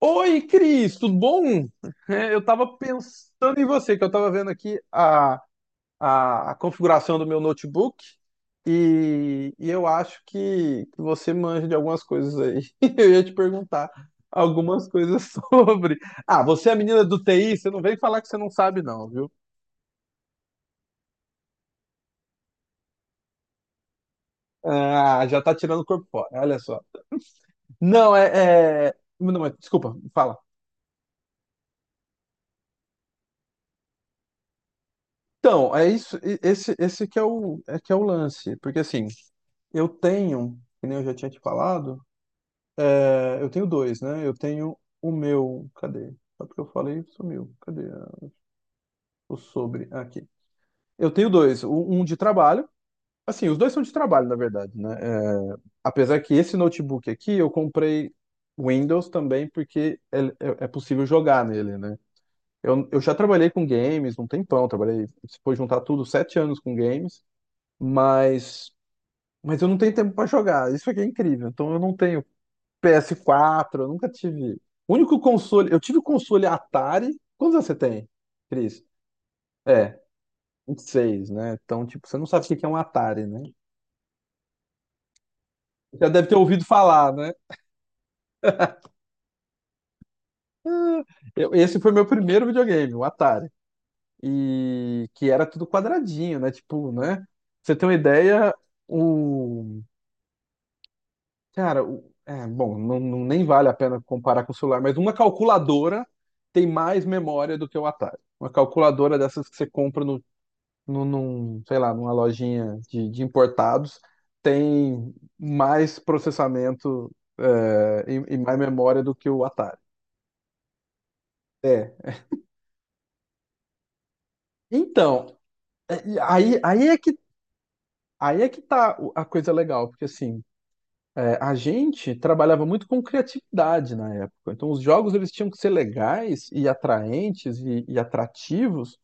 Oi, Cris, tudo bom? É, eu estava pensando em você, que eu estava vendo aqui a configuração do meu notebook e eu acho que você manja de algumas coisas aí. Eu ia te perguntar algumas coisas sobre. Ah, você é a menina do TI, você não vem falar que você não sabe, não, viu? Ah, já tá tirando o corpo fora, olha só. Não, não, mas, desculpa, fala. Então, é isso, esse que é o, é que é o lance, porque assim. Eu tenho, que nem eu já tinha te falado, é, eu tenho dois, né? Eu tenho o meu. Cadê? Só porque eu falei, sumiu. Cadê o sobre? Ah, aqui. Eu tenho dois. Um de trabalho. Assim, os dois são de trabalho, na verdade, né? É, apesar que esse notebook aqui eu comprei Windows também, porque é possível jogar nele, né? Eu já trabalhei com games um tempão, trabalhei, se for juntar tudo, 7 anos com games, mas, mas eu não tenho tempo para jogar. Isso aqui é incrível. Então eu não tenho PS4, eu nunca tive. O único console. Eu tive o console Atari. Quantos anos você tem, Cris? É, 26, né? Então, tipo, você não sabe o que que é um Atari, né? Já deve ter ouvido falar, né? Esse foi meu primeiro videogame, o Atari. E que era tudo quadradinho, né? Tipo, né? Pra você tem uma ideia, o. Cara. É, bom, não, nem vale a pena comparar com o celular, mas uma calculadora tem mais memória do que o Atari. Uma calculadora dessas que você compra no num, num, sei lá, numa lojinha de importados, tem mais processamento, é, e mais memória do que o Atari. É. Então, é, e aí, aí é que tá a coisa legal, porque assim, é, a gente trabalhava muito com criatividade na época. Então, os jogos eles tinham que ser legais e atraentes e atrativos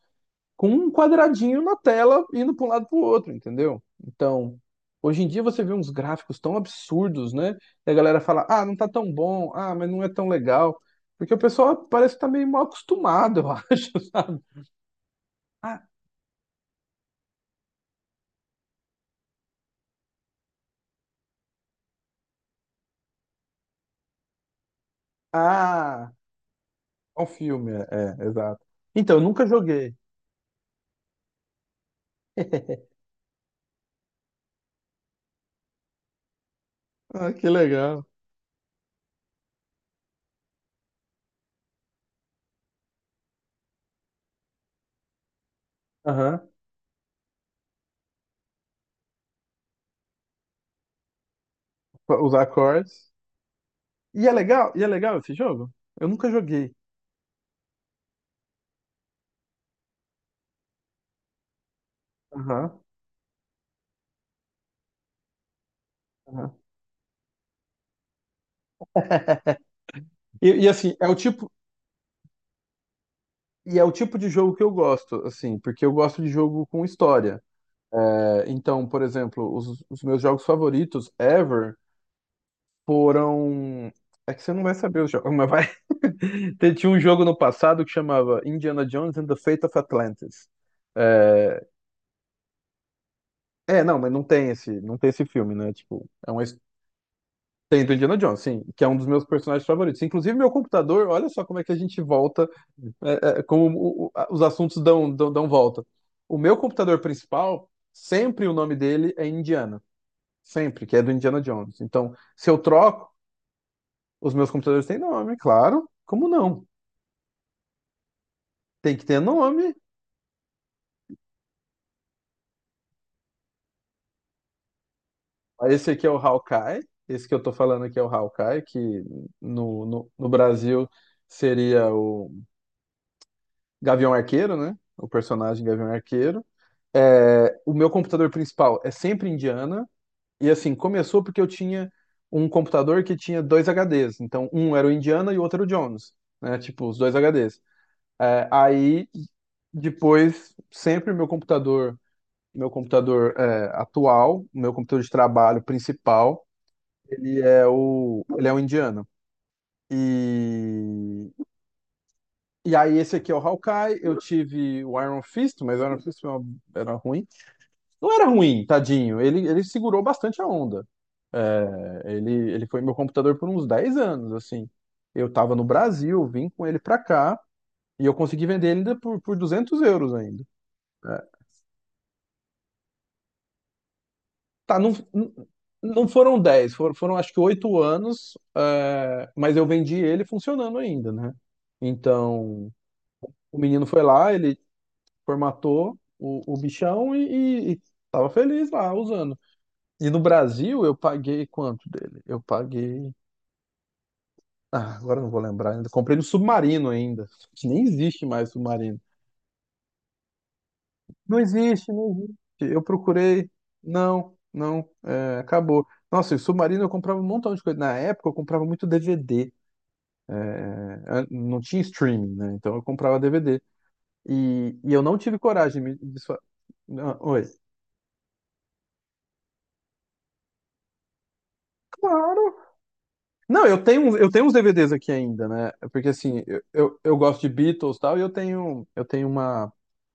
com um quadradinho na tela indo para um lado para o outro, entendeu? Então, hoje em dia você vê uns gráficos tão absurdos, né? E a galera fala, ah, não tá tão bom, ah, mas não é tão legal. Porque o pessoal parece que tá meio mal acostumado, eu acho, sabe? Ah, ah, é um filme, é, exato. Então, eu nunca joguei. Ah, que legal. Aham. Pra usar acordes. E é legal esse jogo? Eu nunca joguei. Aham. Aham. E assim, é o tipo, E é o tipo de jogo que eu gosto, assim, porque eu gosto de jogo com história. É, então, por exemplo, os meus jogos favoritos ever foram. É que você não vai saber os jogos, mas vai. Tinha um jogo no passado que chamava Indiana Jones and the Fate of Atlantis. É, não, mas não tem esse filme, né? Tipo, é uma tem do Indiana Jones, sim, que é um dos meus personagens favoritos. Inclusive, meu computador, olha só como é que a gente volta, os assuntos dão volta. O meu computador principal, sempre o nome dele é Indiana. Sempre, que é do Indiana Jones. Então, se eu troco, os meus computadores têm nome, claro. Como não? Tem que ter nome. Ah, esse aqui é o Hawkeye. Esse que eu tô falando aqui é o Hawkeye, que no Brasil seria o Gavião Arqueiro, né? O personagem Gavião Arqueiro. É, o meu computador principal é sempre Indiana. E assim, começou porque eu tinha um computador que tinha dois HDs. Então, um era o Indiana e o outro era o Jones, né? Tipo, os dois HDs. É, aí, depois, sempre meu computador é, atual, meu computador de trabalho principal, ele é o Indiana. E, e aí, esse aqui é o Hawkeye. Eu tive o Iron Fist, mas o Iron Fist foi era ruim. Não era ruim, tadinho. Ele segurou bastante a onda. É, ele foi meu computador por uns 10 anos, assim. Eu tava no Brasil, vim com ele pra cá e eu consegui vender ele ainda por 200 euros ainda. É. Tá, não, não foram 10, foram acho que 8 anos, é, mas eu vendi ele funcionando ainda, né? Então, o menino foi lá, ele formatou o bichão e tava feliz lá usando. E no Brasil eu paguei quanto dele? Eu paguei. Ah, agora eu não vou lembrar ainda. Comprei no Submarino ainda. Que nem existe mais Submarino. Não existe, não existe. Eu procurei. Não, não. Acabou. Nossa, e o Submarino eu comprava um montão de coisa. Na época eu comprava muito DVD. Ah, não tinha streaming, né? Então eu comprava DVD. E eu não tive coragem de. Ah, oi. Claro. Não, eu tenho, eu tenho uns DVDs aqui ainda, né? Porque assim, eu gosto de Beatles e tal, e eu tenho uma.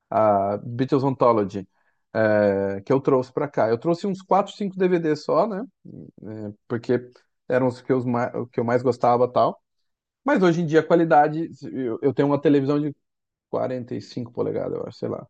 A Beatles Anthology, é, que eu trouxe para cá. Eu trouxe uns 4, 5 DVDs só, né? É, porque eram os que, os mais, que eu mais gostava e tal. Mas hoje em dia a qualidade, eu tenho uma televisão de 45 polegadas, eu acho, sei lá.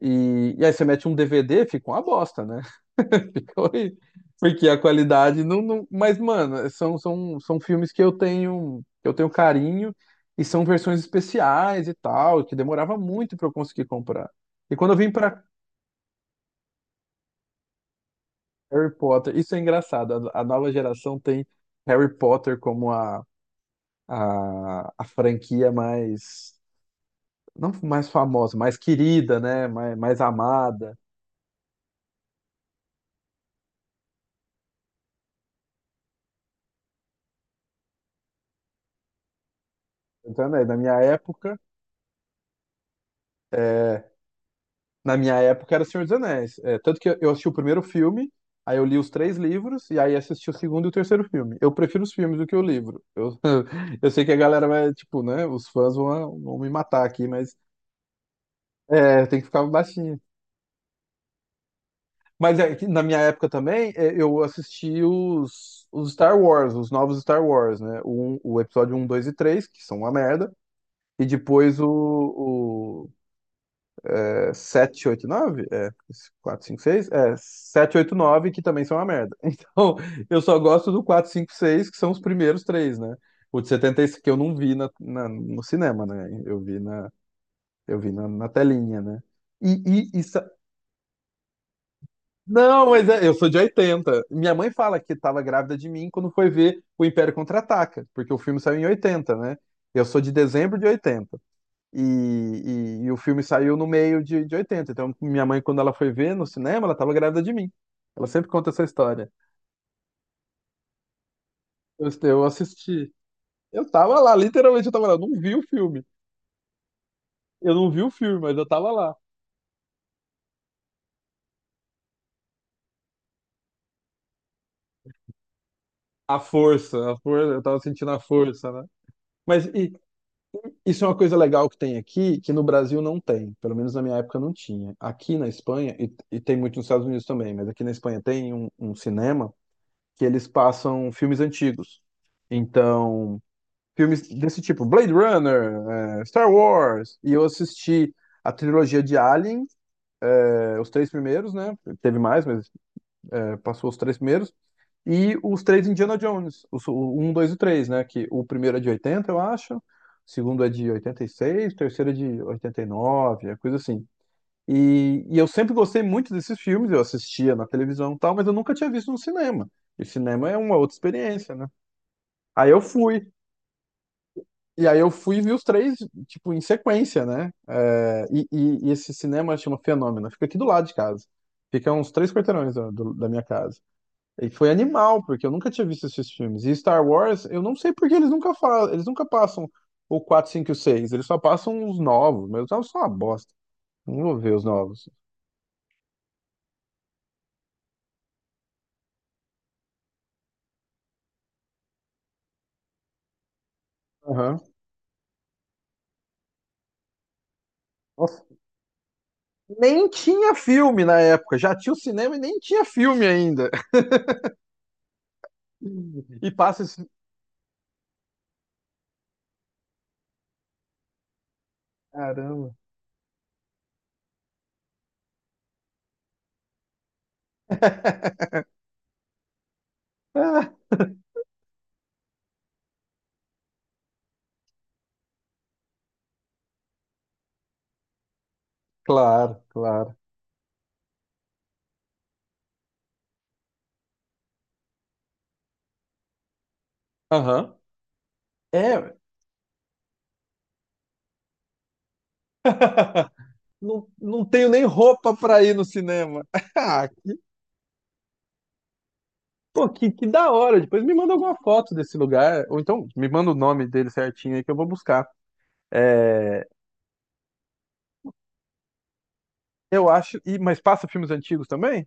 E aí você mete um DVD, fica uma bosta, né? Fica horrível. Porque a qualidade mas, mano, são filmes que eu tenho carinho e são versões especiais e tal, que demorava muito para eu conseguir comprar. E quando eu vim para Harry Potter, isso é engraçado. A nova geração tem Harry Potter como a franquia mais, não mais famosa, mais querida, né? Mais amada. Entendeu? É, na minha época era Senhor dos Anéis. É, tanto que eu assisti o primeiro filme, aí eu li os três livros, e aí assisti o segundo e o terceiro filme. Eu prefiro os filmes do que o livro. Eu sei que a galera vai, tipo, né? Os fãs vão me matar aqui, mas é, tem que ficar baixinho. Mas é que na minha época também, é, eu assisti os Star Wars, os novos Star Wars, né? O episódio um 2 e 3 que são uma merda. E depois o é, 7, 8, 9? É, 4 5 seis. É, 7 8 9 que também são uma merda. Então, eu só gosto do 4 5 6 que são os primeiros três, né? O de 76 que eu não vi na, no cinema, né? Eu vi na telinha, né? E, e não, mas é, eu sou de 80. Minha mãe fala que estava grávida de mim quando foi ver o Império Contra-Ataca, porque o filme saiu em 80, né? Eu sou de dezembro de 80. E, e o filme saiu no meio de 80. Então, minha mãe, quando ela foi ver no cinema, ela estava grávida de mim. Ela sempre conta essa história. Eu assisti. Eu tava lá, literalmente eu tava lá. Eu não vi o filme. Eu não vi o filme, mas eu tava lá. A força, eu tava sentindo a força, né? Mas e, Isso é uma coisa legal que tem aqui, que no Brasil não tem, pelo menos na minha época não tinha. Aqui na Espanha, e tem muito nos Estados Unidos também, mas aqui na Espanha tem um cinema que eles passam filmes antigos. Então, filmes desse tipo, Blade Runner, Star Wars, e eu assisti a trilogia de Alien, os três primeiros, né? Teve mais, mas é, passou os três primeiros. E os três Indiana Jones, o um, 2 e 3, né? Que o primeiro é de 80, eu acho, o segundo é de 86, o terceiro é de 89, é coisa assim. E eu sempre gostei muito desses filmes, eu assistia na televisão e tal, mas eu nunca tinha visto no cinema. E cinema é uma outra experiência, né? Aí eu fui, e aí eu fui e vi os três, tipo, em sequência, né? É, e esse cinema chama Fenômeno, fica aqui do lado de casa. Fica a uns três quarteirões da minha casa. E foi animal, porque eu nunca tinha visto esses filmes. E Star Wars, eu não sei porque eles nunca falam, eles nunca passam o 4, 5 e o 6, eles só passam os novos, mas os novos são uma bosta. Não vou ver os novos. Aham. Nossa, nem tinha filme na época, já tinha o cinema e nem tinha filme ainda. E passa esse. Caramba. Ah, claro, claro. Aham. É. Não, não tenho nem roupa pra ir no cinema. Ah, Pô, que da hora. Depois me manda alguma foto desse lugar, ou então me manda o nome dele certinho aí que eu vou buscar. É, eu acho. E, mas passa filmes antigos também?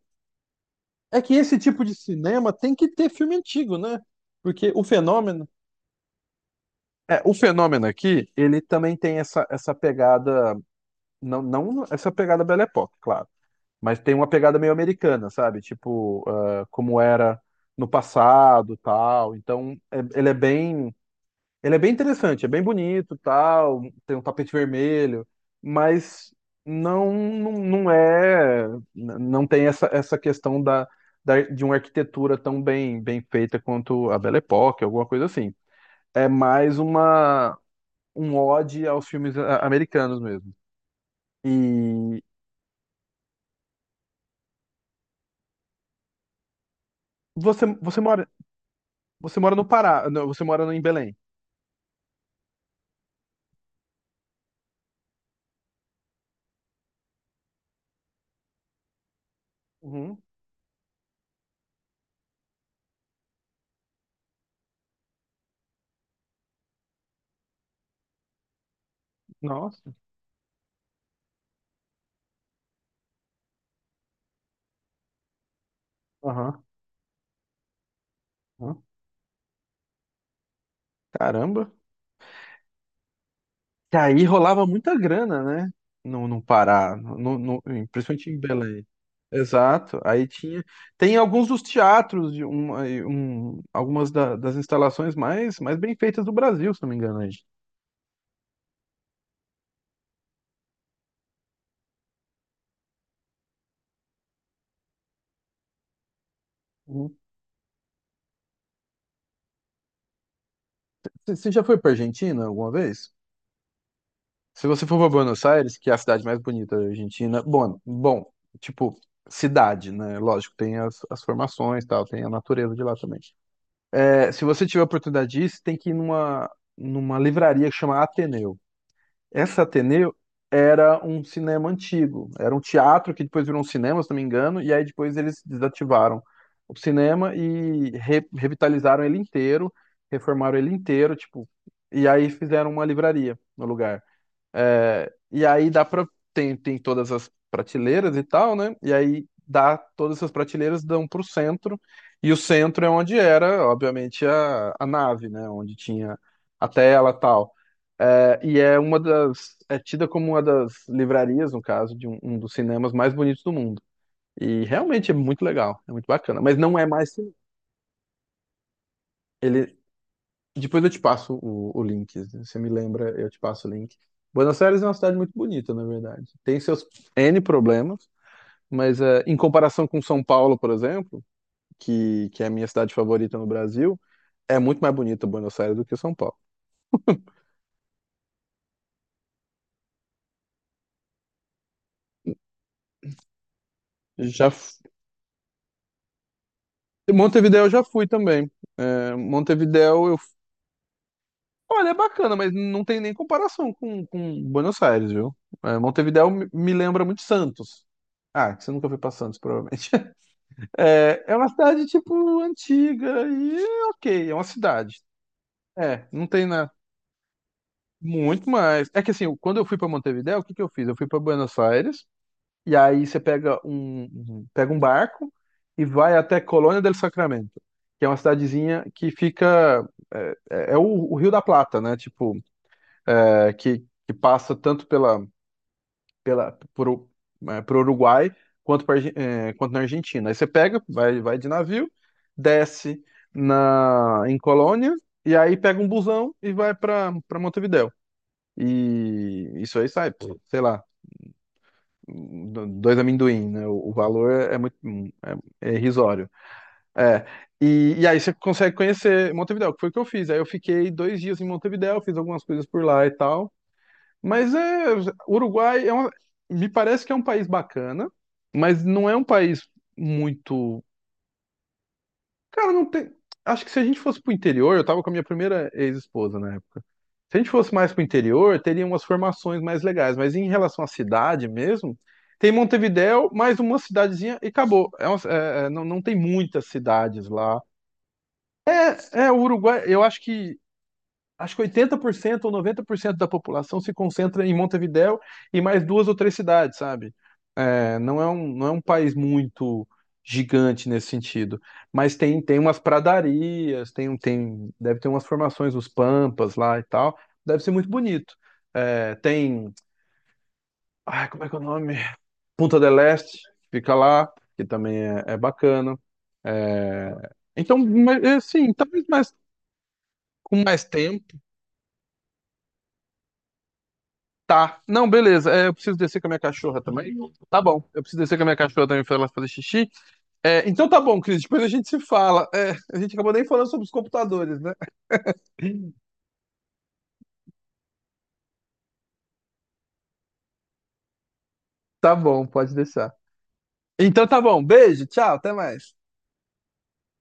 É que esse tipo de cinema tem que ter filme antigo, né? Porque o fenômeno. É, o fenômeno aqui, ele também tem essa pegada. Não, não essa pegada Belle Époque, claro. Mas tem uma pegada meio americana, sabe? Tipo, ah, como era no passado tal. Então, ele é bem. Ele é bem interessante, é bem bonito, tal, tem um tapete vermelho, mas não é não tem essa, essa questão da, de uma arquitetura tão bem bem feita quanto a Belle Époque, alguma coisa assim. É mais uma um ode aos filmes americanos mesmo. E você você mora no Pará, não, você mora em Belém. Uhum. Nossa. Aham. Aham. Caramba. Que aí rolava muita grana, né? No Pará, no, no, principalmente em Belém. Exato. Aí tinha. Tem alguns dos teatros, de um, aí algumas das instalações mais bem feitas do Brasil, se não me engano. Aí. Hum. Você já foi para Argentina alguma vez? Se você for para Buenos Aires, que é a cidade mais bonita da Argentina, tipo, cidade, né? Lógico, tem as, as formações, e tal, tem a natureza de lá também. É, se você tiver a oportunidade disso, tem que ir numa, numa livraria que chama Ateneu. Essa Ateneu era um cinema antigo, era um teatro que depois virou um cinema, se não me engano, e aí depois eles desativaram o cinema e revitalizaram ele inteiro, reformaram ele inteiro, tipo, e aí fizeram uma livraria no lugar. É, e aí dá pra. Tem, tem todas as prateleiras e tal, né? E aí dá todas essas prateleiras dão pro centro. E o centro é onde era, obviamente, a nave, né? Onde tinha a tela e tal. É, e é uma das. É tida como uma das livrarias, no caso, de um, um dos cinemas mais bonitos do mundo. E realmente é muito legal, é muito bacana. Mas não é mais. Cine- Ele, depois eu te passo o link. Você me lembra, eu te passo o link. Buenos Aires é uma cidade muito bonita, na verdade. Tem seus N problemas, mas em comparação com São Paulo, por exemplo, que é a minha cidade favorita no Brasil, é muito mais bonita Buenos Aires do que São Paulo. Já f- Montevidéu eu já fui também. Montevidéu eu, olha, é bacana, mas não tem nem comparação com Buenos Aires, viu? Montevidéu me lembra muito Santos. Ah, que você nunca foi pra Santos, provavelmente. É, é uma cidade, tipo, antiga e é ok, é uma cidade. É, não tem nada muito mais. É que assim, quando eu fui pra Montevidéu, o que que eu fiz? Eu fui pra Buenos Aires e aí você pega um, pega um barco e vai até Colônia del Sacramento, que é uma cidadezinha que fica é o Rio da Plata, né? Tipo, é, que passa tanto pela pela, por, para o Uruguai quanto, pra quanto na Argentina. Aí você pega, vai de navio, desce em Colônia, e aí pega um busão e vai para Montevidéu. E isso aí sai, pô, sei lá, dois amendoim, né? O valor é muito é irrisório. É. E, e aí você consegue conhecer Montevidéu, que foi o que eu fiz. Aí eu fiquei dois dias em Montevidéu, fiz algumas coisas por lá e tal. Mas é, Uruguai é uma, me parece que é um país bacana, mas não é um país muito. Cara, não tem. Acho que se a gente fosse pro interior, eu tava com a minha primeira ex-esposa na época. Se a gente fosse mais pro interior, teria umas formações mais legais, mas em relação à cidade mesmo, tem Montevidéu, mais uma cidadezinha e acabou. É é, não, não tem muitas cidades lá. É, o Uruguai, eu acho que 80% ou 90% da população se concentra em Montevidéu e mais duas ou três cidades, sabe? É, não é um, não é um país muito gigante nesse sentido, mas tem, tem umas pradarias, tem, um tem, deve ter umas formações, os Pampas lá e tal, deve ser muito bonito. É, tem, ai, como é que é o nome? Punta del Este, fica lá, que também é, é bacana. É, então, mas, assim, talvez mais, com mais tempo, tá. Não, beleza. É, eu preciso descer com a minha cachorra também. Tá bom. Eu preciso descer com a minha cachorra também pra ela fazer xixi. É, então tá bom, Cris. Depois a gente se fala. É, a gente acabou nem falando sobre os computadores, né? Tá bom, pode deixar. Então tá bom. Beijo, tchau, até mais.